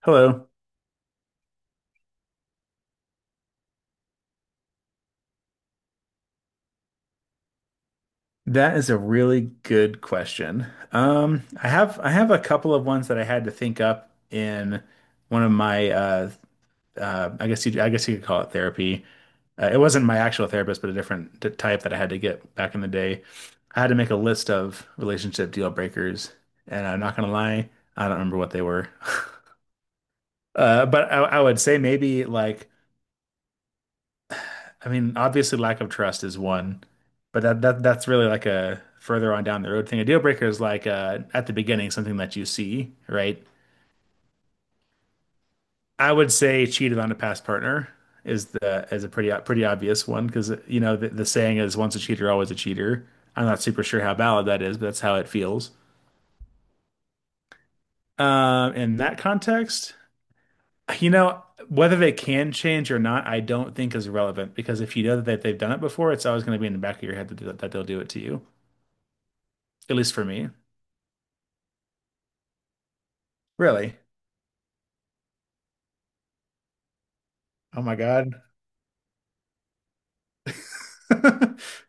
Hello. That is a really good question. I have a couple of ones that I had to think up in one of my I guess you could call it therapy. It wasn't my actual therapist, but a different type that I had to get back in the day. I had to make a list of relationship deal breakers, and I'm not gonna lie, I don't remember what they were. But I would say maybe like I mean, obviously lack of trust is one, but that's really like a further on down the road thing. A deal breaker is like at the beginning something that you see, right? I would say cheated on a past partner is a pretty obvious one because the saying is once a cheater, always a cheater. I'm not super sure how valid that is, but that's how it feels. In that context, whether they can change or not, I don't think is relevant because if you know that they've done it before, it's always going to be in the back of your head that they'll do it to you, at least for me. Really? Oh my God.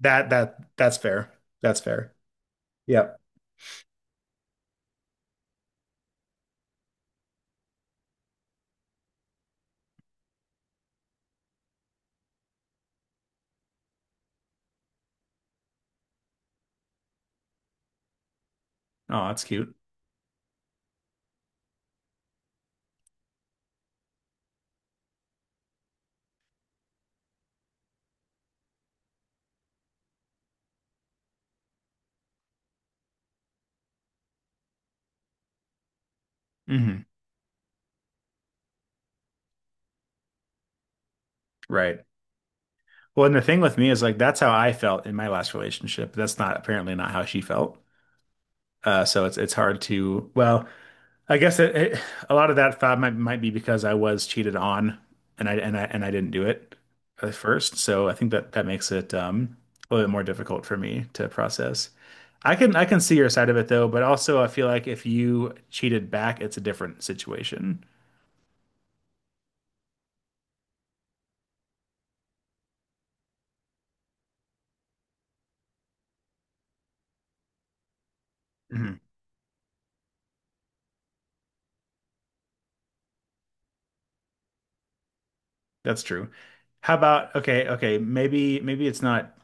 That's fair. That's fair. Yep. Oh, that's cute. Hmm. Right. Well, and the thing with me is like that's how I felt in my last relationship. That's not apparently not how she felt. So it's hard to well, I guess a lot of that thought might be because I was cheated on, and I didn't do it at first. So I think that that makes it a little bit more difficult for me to process. I can see your side of it though, but also I feel like if you cheated back, it's a different situation. Mhm. That's true. How about okay, okay, maybe it's not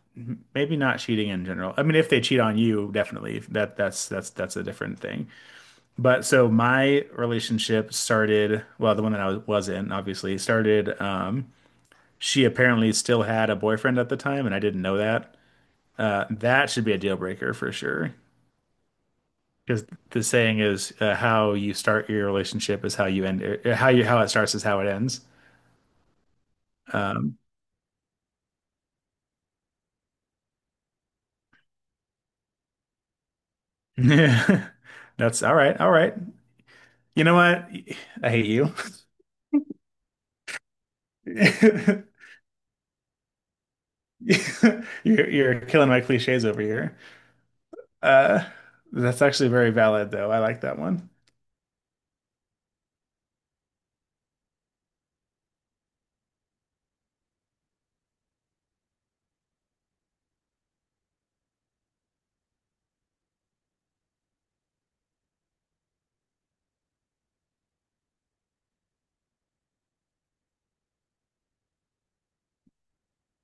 maybe not cheating in general. I mean, if they cheat on you, definitely that's a different thing. But so my relationship started, well, the one that was in, obviously, started. She apparently still had a boyfriend at the time, and I didn't know that. That should be a deal breaker for sure. Because the saying is, how you start your relationship is how you end it. How it starts is how it ends. Yeah, that's all right. All right. You know what? I hate you. You're killing my cliches over here. Uh, that's actually very valid, though. I like that one.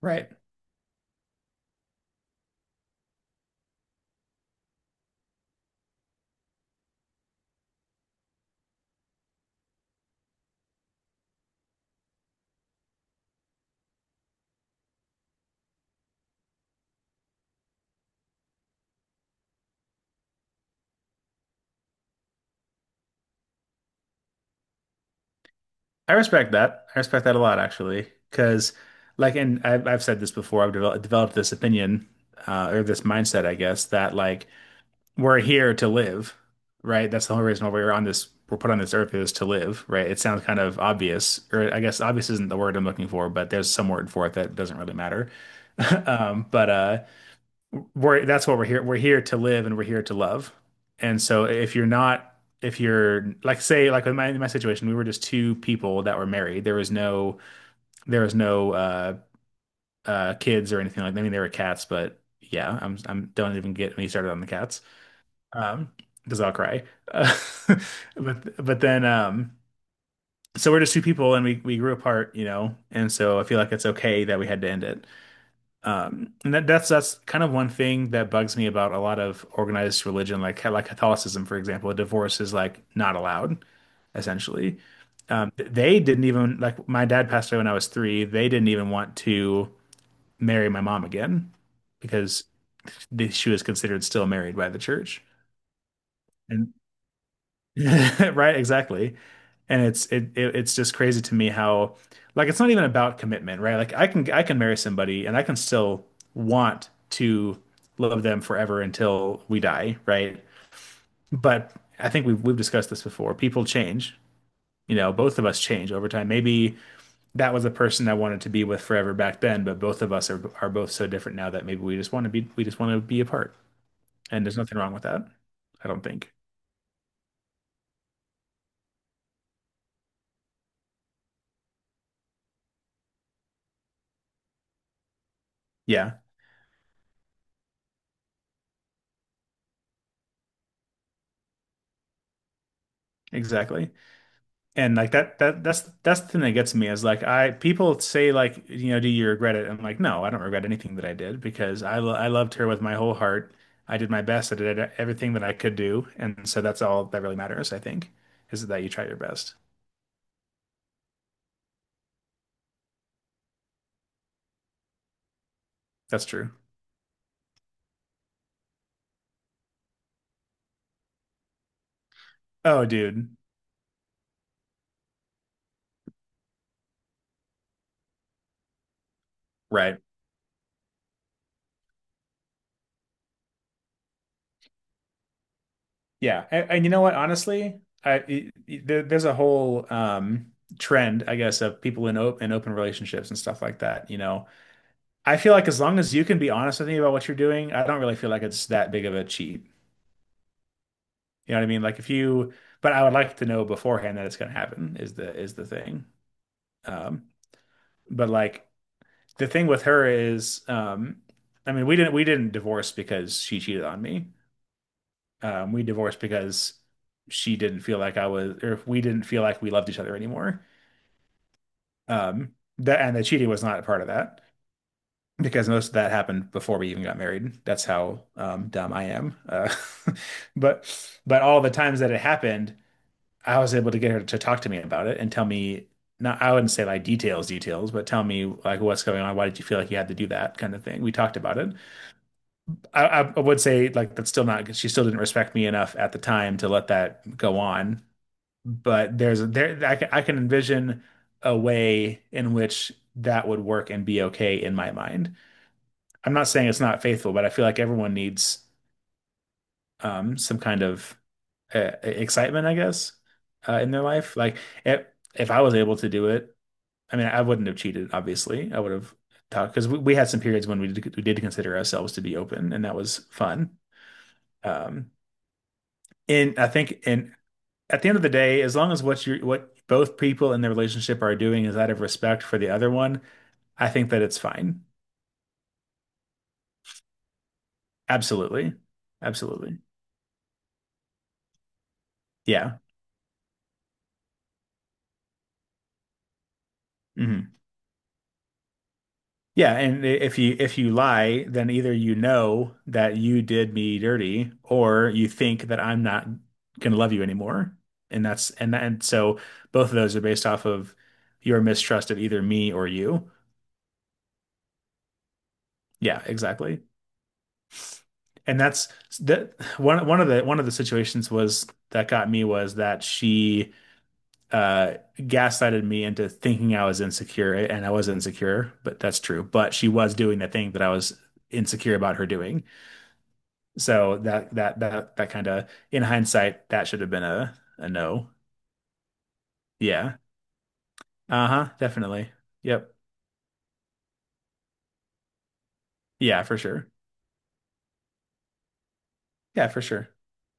Right. I respect that. I respect that a lot, actually, because like, and I've said this before. I've developed this opinion or this mindset, I guess, that like we're here to live, right? That's the whole reason why we're on this. We're put on this earth is to live, right? It sounds kind of obvious, or I guess obvious isn't the word I'm looking for, but there's some word for it that doesn't really matter. But we're that's what we're here. We're here to live and we're here to love. And so if you're not, if you're like say like in my situation, we were just two people that were married. There was no there was no uh kids or anything like that. I mean there were cats, but yeah, I'm don't even get me started on the cats. Um because I'll cry. Uh, but then so we're just two people and we grew apart. And so I feel like it's okay that we had to end it. And that's kind of one thing that bugs me about a lot of organized religion, like Catholicism, for example. A divorce is like not allowed, essentially. They didn't even like my dad passed away when I was 3. They didn't even want to marry my mom again because she was considered still married by the church. And Right, exactly. And it's it, it it's just crazy to me how like it's not even about commitment, right? Like I can marry somebody and I can still want to love them forever until we die, right? But I think we've discussed this before. People change. You know, both of us change over time. Maybe that was the person I wanted to be with forever back then, but both of us are both so different now that maybe we just want to be apart. And there's nothing wrong with that, I don't think. Yeah, exactly. And like that's that's the thing that gets me is like I people say like do you regret it? I'm like no, I don't regret anything that I did because I loved her with my whole heart. I did my best. I did everything that I could do, and so that's all that really matters, I think, is that you try your best. That's true. Oh, dude. Right. Yeah. And you know what? Honestly, I it, it- there, there's a whole trend, I guess, of people in open relationships and stuff like that. I feel like as long as you can be honest with me about what you're doing, I don't really feel like it's that big of a cheat. You know what I mean? Like if you, but I would like to know beforehand that it's going to happen is the thing. Um, but like the thing with her is, I mean, we didn't divorce because she cheated on me. We divorced because she didn't feel like I was, or we didn't feel like we loved each other anymore. Um, that and the cheating was not a part of that. Because most of that happened before we even got married. That's how dumb I am. But but all the times that it happened, I was able to get her to talk to me about it and tell me not I wouldn't say like details, but tell me like what's going on. Why did you feel like you had to do that kind of thing? We talked about it. I would say like that's still not she still didn't respect me enough at the time to let that go on. But there's there I can envision a way in which that would work and be okay in my mind. I'm not saying it's not faithful, but I feel like everyone needs some kind of excitement, I guess, in their life. Like if, if I was able to do it, I mean, I wouldn't have cheated, obviously. I would have talked because we had some periods when we did consider ourselves to be open, and that was fun. Um, and I think, and at the end of the day, as long as what both people in the relationship are doing is out of respect for the other one, I think that it's fine. Absolutely, absolutely, yeah. Mhm. Yeah, and if you lie, then either you know that you did me dirty, or you think that I'm not gonna love you anymore. And that's and that, and so both of those are based off of your mistrust of either me or you. Yeah, exactly. And that's that one one of the One of the situations was that got me was that she gaslighted me into thinking I was insecure, and I was insecure, but that's true. But she was doing the thing that I was insecure about her doing. So that kind of in hindsight, that should have been a no. Yeah. Uh-huh. Definitely. Yep. Yeah, for sure. Yeah, for sure.